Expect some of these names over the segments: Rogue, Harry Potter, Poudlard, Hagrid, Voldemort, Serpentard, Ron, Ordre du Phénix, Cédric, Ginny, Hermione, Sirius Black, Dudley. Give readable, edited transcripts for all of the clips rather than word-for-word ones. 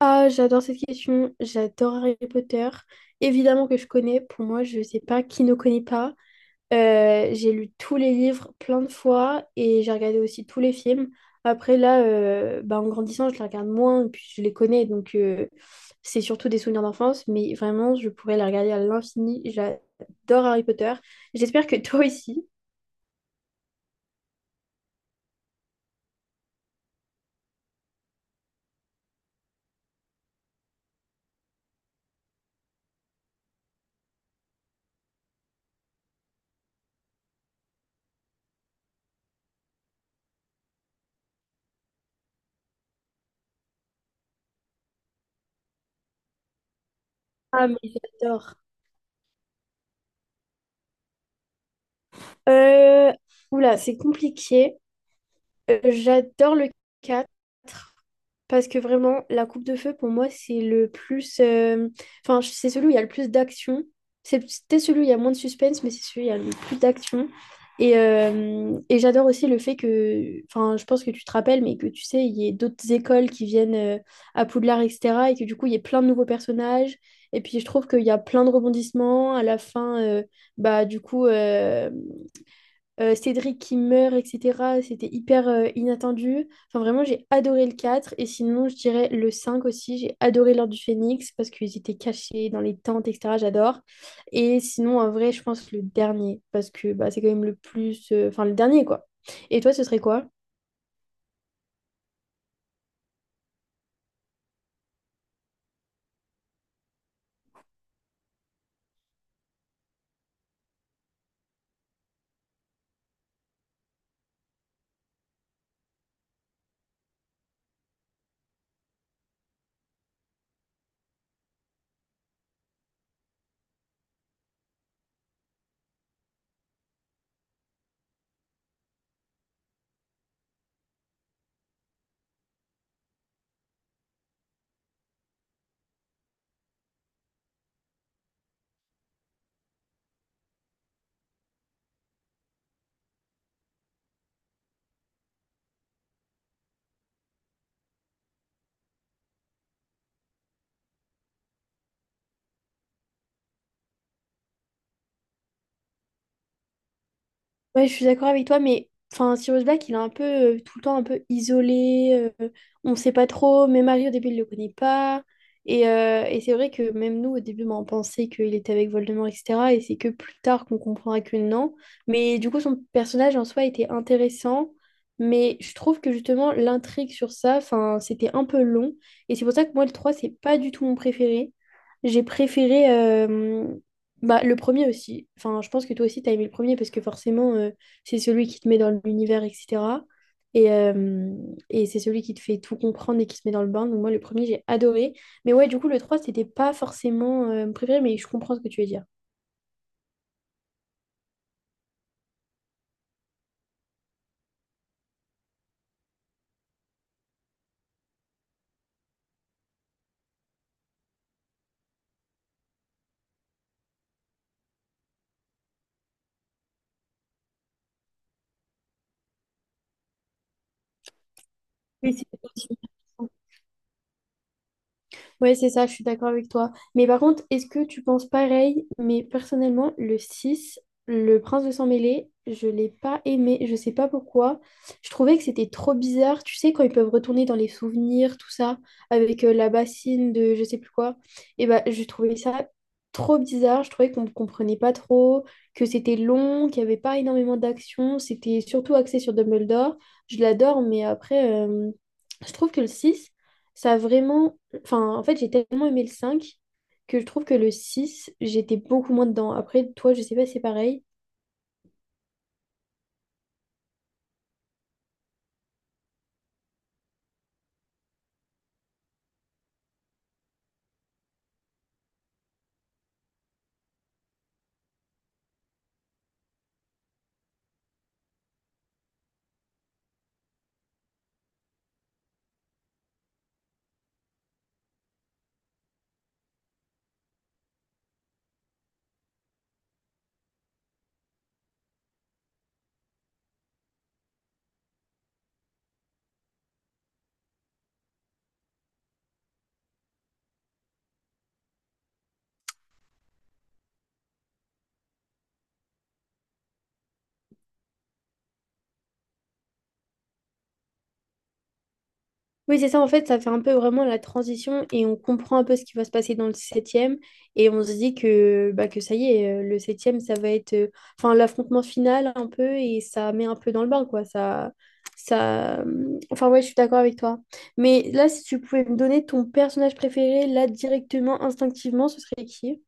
Ah, j'adore cette question. J'adore Harry Potter. Évidemment que je connais. Pour moi, je sais pas qui ne connaît pas. J'ai lu tous les livres plein de fois et j'ai regardé aussi tous les films. Après, là, en grandissant, je les regarde moins et puis je les connais. Donc, c'est surtout des souvenirs d'enfance. Mais vraiment, je pourrais les regarder à l'infini. J'adore Harry Potter. J'espère que toi aussi. Ah, mais j'adore. Euh, oula, c'est compliqué. J'adore le 4. Parce que vraiment, la coupe de feu, pour moi, c'est le plus. Enfin, c'est celui où il y a le plus d'action. C'était celui où il y a moins de suspense, mais c'est celui où il y a le plus d'action. Et j'adore aussi le fait que. Enfin, je pense que tu te rappelles, mais que tu sais, il y ait d'autres écoles qui viennent à Poudlard, etc. Et que du coup, il y ait plein de nouveaux personnages. Et puis, je trouve qu'il y a plein de rebondissements. À la fin, bah, du coup. Cédric qui meurt, etc. C'était hyper inattendu. Enfin, vraiment, j'ai adoré le 4. Et sinon, je dirais le 5 aussi. J'ai adoré l'Ordre du Phénix parce qu'ils étaient cachés dans les tentes, etc. J'adore. Et sinon, en vrai, je pense le dernier parce que bah, c'est quand même le plus. Enfin, le dernier, quoi. Et toi, ce serait quoi? Ouais, je suis d'accord avec toi, mais enfin, Sirius Black, il est un peu tout le temps un peu isolé. On ne sait pas trop. Même Harry, au début, il ne le connaît pas. Et c'est vrai que même nous, au début, ben, on pensait qu'il était avec Voldemort, etc. Et c'est que plus tard qu'on comprendra que non. Mais du coup, son personnage en soi était intéressant. Mais je trouve que justement, l'intrigue sur ça, enfin, c'était un peu long. Et c'est pour ça que moi, le 3 c'est pas du tout mon préféré. J'ai préféré. Bah, le premier aussi. Enfin, je pense que toi aussi, t'as aimé le premier parce que forcément, c'est celui qui te met dans l'univers, etc. Et, euh, et c'est celui qui te fait tout comprendre et qui te met dans le bain. Donc moi, le premier, j'ai adoré. Mais ouais, du coup, le 3, c'était pas forcément mon préféré, mais je comprends ce que tu veux dire. Oui, c'est possible. Ouais, c'est ça, je suis d'accord avec toi. Mais par contre, est-ce que tu penses pareil? Mais personnellement, le 6 le prince de Sang-Mêlé, je l'ai pas aimé, je sais pas pourquoi. Je trouvais que c'était trop bizarre. Tu sais, quand ils peuvent retourner dans les souvenirs, tout ça, avec la bassine de je sais plus quoi. Et bah, je trouvais ça trop bizarre. Je trouvais qu'on ne comprenait pas trop, que c'était long, qu'il y avait pas énormément d'action. C'était surtout axé sur Dumbledore. Je l'adore, mais après, je trouve que le 6 ça a vraiment Enfin, en fait, j'ai tellement aimé le 5 que je trouve que le 6 j'étais beaucoup moins dedans. Après, toi, je sais pas si c'est pareil. Oui, c'est ça, en fait, ça fait un peu vraiment la transition et on comprend un peu ce qui va se passer dans le septième et on se dit que, bah, que ça y est, le septième ça va être enfin, l'affrontement final un peu et ça met un peu dans le bain, quoi. Enfin, ouais, je suis d'accord avec toi. Mais là, si tu pouvais me donner ton personnage préféré, là, directement, instinctivement, ce serait qui?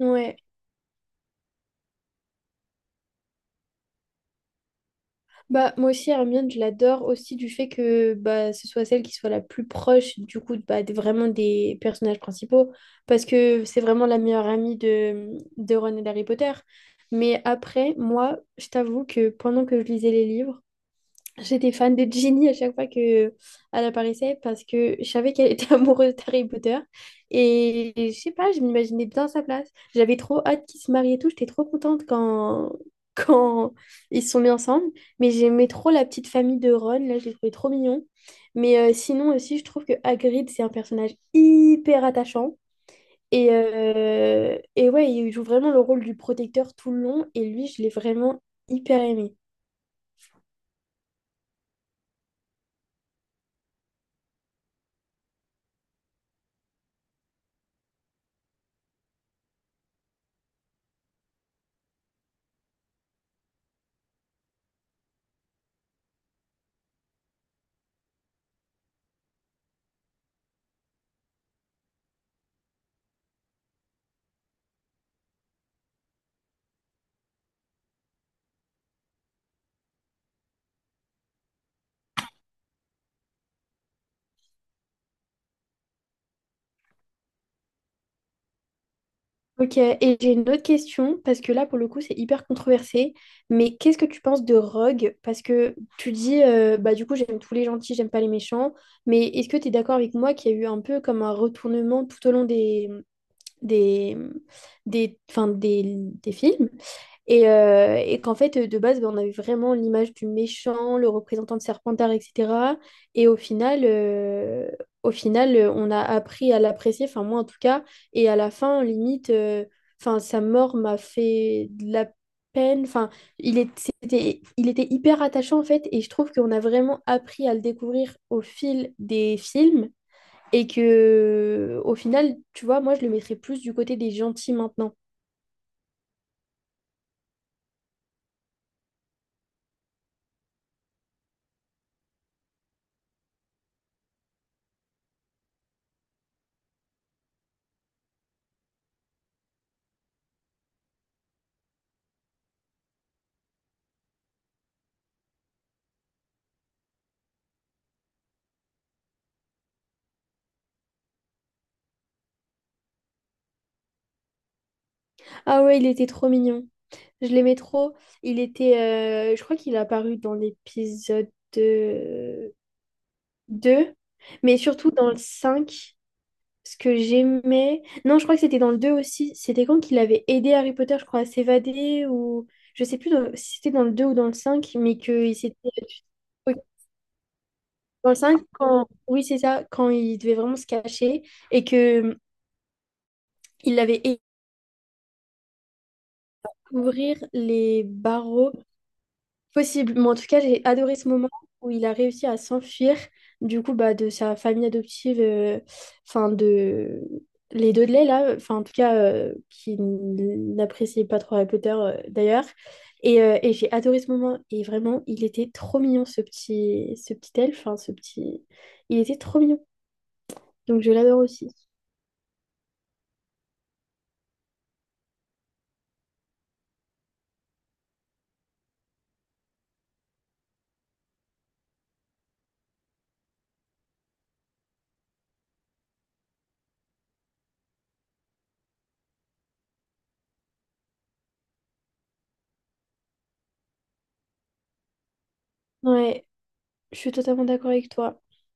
Ouais. Bah, moi aussi, Hermione, je l'adore aussi du fait que bah, ce soit celle qui soit la plus proche du coup bah, des- vraiment des personnages principaux parce que c'est vraiment la meilleure amie de Ron et d'Harry Potter. Mais après, moi, je t'avoue que pendant que je lisais les livres, j'étais fan de Ginny à chaque fois que elle apparaissait parce que je savais qu'elle était amoureuse d'Harry Potter. Et je sais pas, je m'imaginais bien à sa place. J'avais trop hâte qu'ils se marient et tout. J'étais trop contente quand... quand ils se sont mis ensemble. Mais j'aimais trop la petite famille de Ron. Là, je les trouvais trop mignon. Mais sinon aussi, je trouve que Hagrid, c'est un personnage hyper attachant. Et ouais, il joue vraiment le rôle du protecteur tout le long. Et lui, je l'ai vraiment hyper aimé. Ok, et j'ai une autre question, parce que là, pour le coup, c'est hyper controversé, mais qu'est-ce que tu penses de Rogue? Parce que tu dis, bah du coup, j'aime tous les gentils, j'aime pas les méchants, mais est-ce que tu es d'accord avec moi qu'il y a eu un peu comme un retournement tout au long des, des, des films? Et qu'en fait, de base, ben, on avait vraiment l'image du méchant, le représentant de Serpentard, etc. Et au final, on a appris à l'apprécier, enfin moi en tout cas. Et à la fin, limite, enfin sa mort m'a fait de la peine. Enfin, il est- c'était, il était hyper attachant en fait. Et je trouve qu'on a vraiment appris à le découvrir au fil des films. Et que, au final, tu vois, moi, je le mettrais plus du côté des gentils maintenant. Ah ouais, il était trop mignon. Je l'aimais trop. Il était, je crois qu'il est apparu dans l'épisode euh, 2 mais surtout dans le cinq. Ce que j'aimais. Non, je crois que c'était dans le 2 aussi. C'était quand qu'il avait aidé Harry Potter, je crois, à s'évader ou. Je sais plus dans- Si c'était dans le 2 ou dans le 5 mais qu'il s'était. Oui, dans le 5 quand. Oui, c'est ça, quand il devait vraiment se cacher et que il avait aidé à ouvrir les barreaux. Possible, mais en tout cas, j'ai adoré ce moment où il a réussi à s'enfuir du coup bah, de sa famille adoptive, enfin de les Dudley là, enfin en tout cas qui n'appréciait pas trop Harry Potter d'ailleurs. Et j'ai adoré ce moment et vraiment il était trop mignon ce petit elfe, enfin ce petit, il était trop mignon donc je l'adore aussi. Ouais, je suis totalement d'accord avec toi.